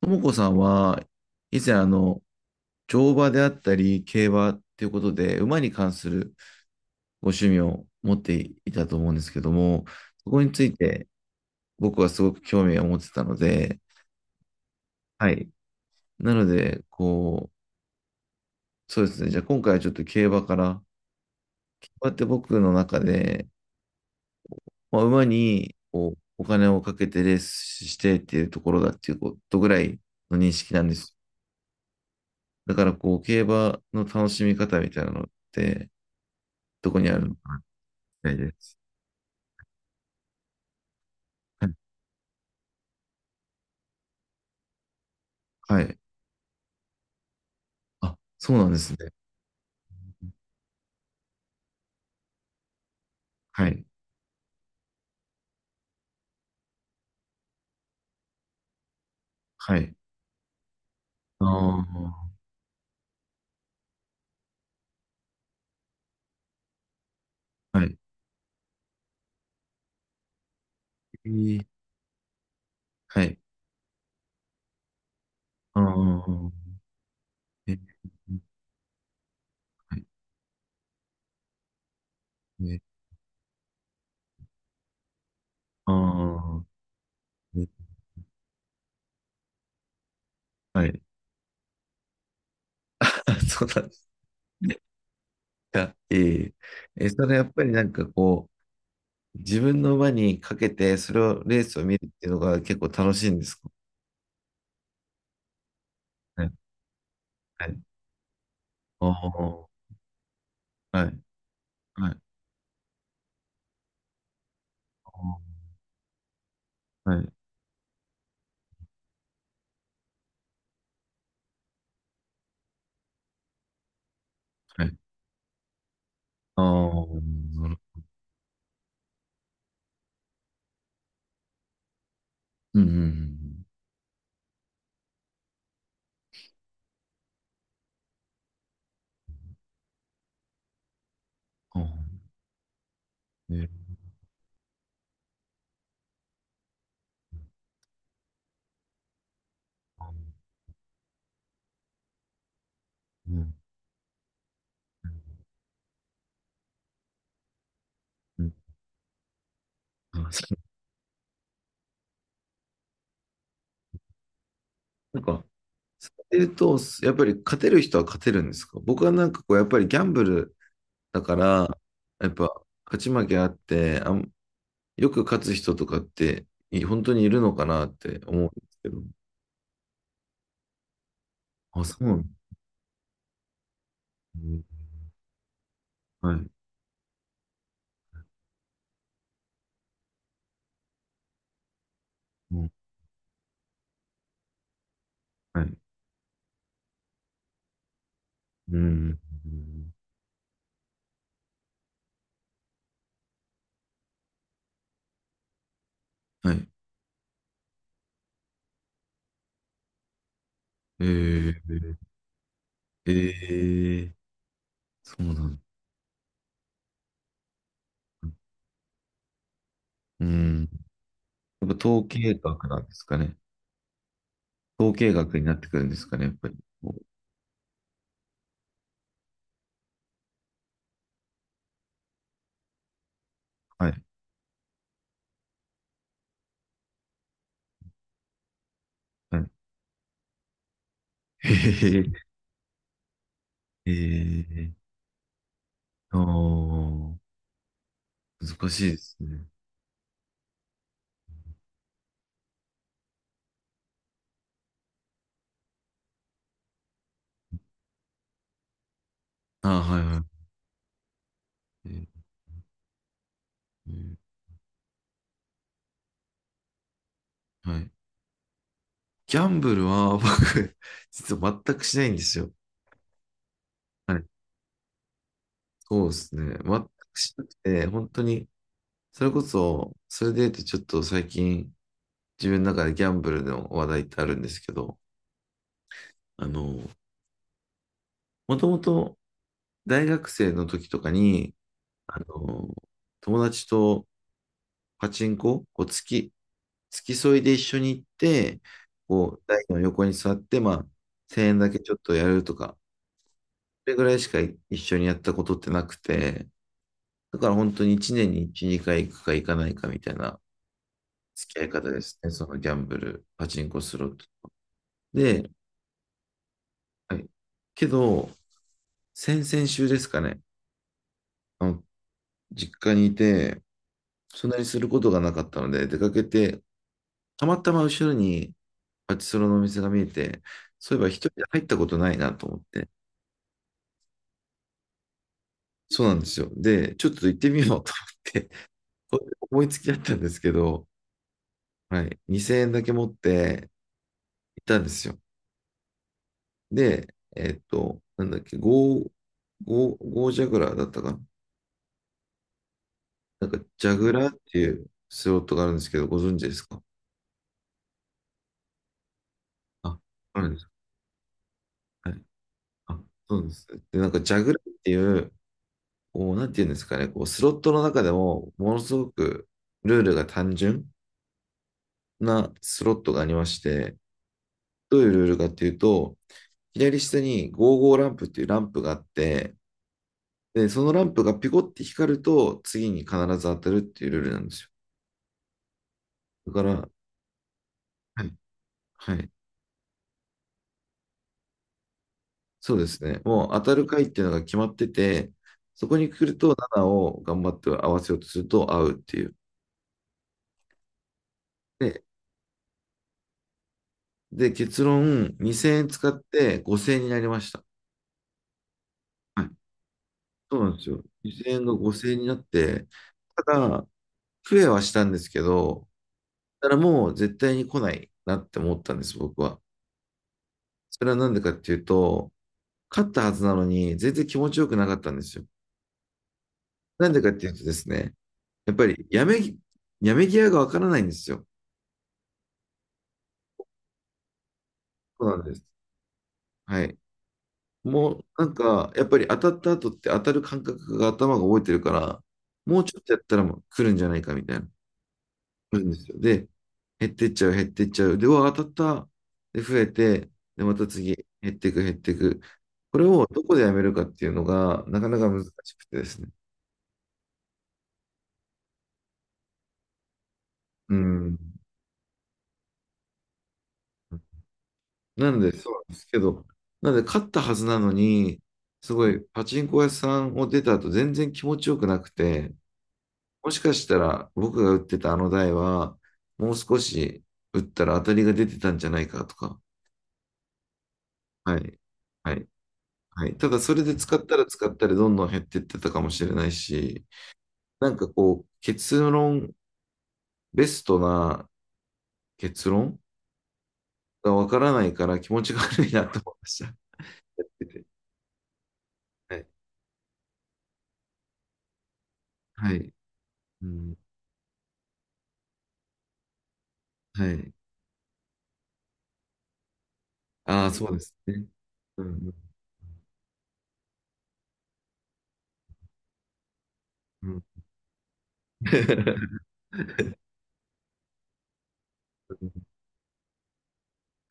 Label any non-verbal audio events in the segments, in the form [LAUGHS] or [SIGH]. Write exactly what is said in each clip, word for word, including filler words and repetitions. ともこさんは、以前、あの、乗馬であったり、競馬っていうことで、馬に関するご趣味を持っていたと思うんですけども、そこについて僕はすごく興味を持ってたので、はい。なので、こう、そうですね。じゃあ今回はちょっと競馬から、こうやって僕の中で、まあ、馬にこうお金をかけてレースしてっていうところだっていうことぐらいの認識なんです。だから、こう、競馬の楽しみ方みたいなのって、どこにあるのかたいです。はい。はい。あ、そうなんですね。はい。はい。ああ、はい。えーはい。ああ、えー、はい。えー、ああ、えーはい。[LAUGHS] そうなんですね。いや、えーえ、それやっぱりなんかこう、自分の馬にかけて、それを、レースを見るっていうのが結構楽しいんですか？はい。はい。ああ、はい。はい。ああ、はい。はい。ああ、なるほど。うんうんうん。ああ、えー、うんうん。あ、そう。[LAUGHS] なんか、そういうと、やっぱり勝てる人は勝てるんですか？僕はなんかこう、やっぱりギャンブルだから、やっぱ勝ち負けあって、あん、よく勝つ人とかって、い本当にいるのかなって思うんですけど。あ、そうなんだ。はい。うん。はい。うん。はい。えー、えー、そうなんだ。うん。やっぱ統計学なんですかね。統計学になってくるんですかね、やっぱり。はい。はい。[LAUGHS] へへへ、ええ、ああー、難しいですね。ああ、はいはい。えーはい。ギャンブルは [LAUGHS] 僕、実は全くしないんですよ。はい。そうですね。全くしなくて、本当に、それこそ、それで言うとちょっと最近、自分の中でギャンブルの話題ってあるんですけど、あの、もともと大学生の時とかに、あの、友達とパチンコ、こう月、付き添いで一緒に行って、こう、台の横に座って、まあ、いちえんだけちょっとやるとか、それぐらいしか一緒にやったことってなくて、だから本当にいちねんにいち、にかい行くか行かないかみたいな付き合い方ですね。そのギャンブル、パチンコスロット。で、はい。けど、先々週ですかね、あの、実家にいて、そんなにすることがなかったので、出かけて、たまたま後ろにパチスロのお店が見えて、そういえば一人で入ったことないなと思って、そうなんですよ。で、ちょっと行ってみようと思って [LAUGHS] 思いつきだったんですけど、はい、にせんえんだけ持って行ったんですよ。で、えっと、なんだっけ、ゴー、ゴー、ゴージャグラーだったかな？なんか、ジャグラーっていうスロットがあるんですけど、ご存知ですか？あ、あるんですか？はい。あ、そうです。で、なんか、ジャグラーっていう、こう、なんていうんですかね、こう、スロットの中でも、ものすごくルールが単純なスロットがありまして、どういうルールかっていうと、左下にゴーゴーランプっていうランプがあって、で、そのランプがピコって光ると、次に必ず当たるっていうルールなんですよ。だから、はい、はい、そうですね。もう当たる回っていうのが決まってて、そこに来るとななを頑張って合わせようとすると合うっていう。で、で結論、にせんえん使ってごせんえんになりました。はい、そうなんですよ。にせんえんがごせんえんになって、ただ、増えはしたんですけど、ただからもう絶対に来ないなって思ったんです、僕は。それはなんでかっていうと、勝ったはずなのに、全然気持ちよくなかったんですよ。なんでかっていうとですね、やっぱりやめ、やめ際がわからないんですよ。そうなんです。はい。もうなんか、やっぱり当たった後って当たる感覚が頭が覚えてるから、もうちょっとやったらもう来るんじゃないかみたいな、来るんですよ。で、減ってっちゃう、減ってっちゃう。で、うわ、当たった。で、増えて、で、また次、減っていく、減っていく。これをどこでやめるかっていうのが、なかなか難しくてですね。うん。なんで、そうなんですけど、なんで、勝ったはずなのに、すごい、パチンコ屋さんを出た後、全然気持ちよくなくて、もしかしたら、僕が打ってたあの台は、もう少し打ったら当たりが出てたんじゃないかとか、はい、はい、はい。ただ、それで使ったら使ったら、どんどん減ってってたかもしれないし、なんかこう、結論、ベストな結論がわからないから、気持ちが悪いなと思いました。[LAUGHS] はい、はい、うん、はい。ああ、そうですね。うんうんうん。[LAUGHS]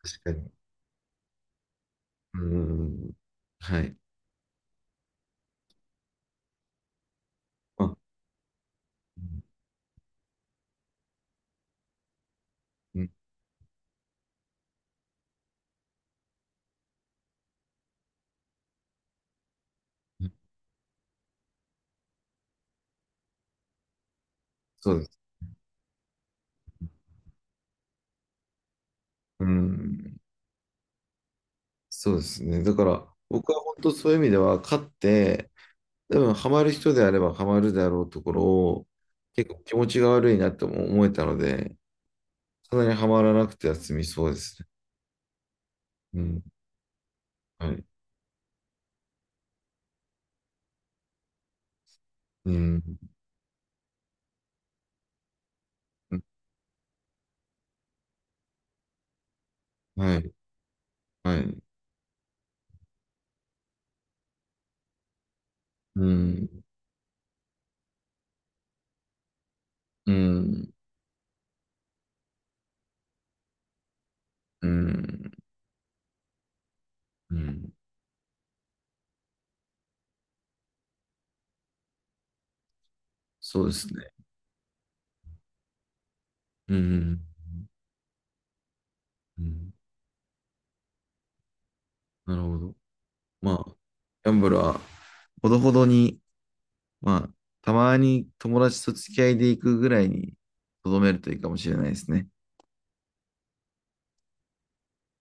確かに。うんはい。あ、うんうんそうです。うん。そうですね。だから、僕は本当そういう意味では、勝って、多分ハマる人であればハマるだろうところを、結構気持ちが悪いなとも思えたので、そんなにハマらなくては済みそうですね。うん。はい。うん。うんはい。はい。うん。うん。うん。うん。そうですね。うん。うん、なるほど。まあ、ギャンブルは、ほどほどに、まあ、たまに友達と付き合いでいくぐらいに、とどめるといいかもしれないですね。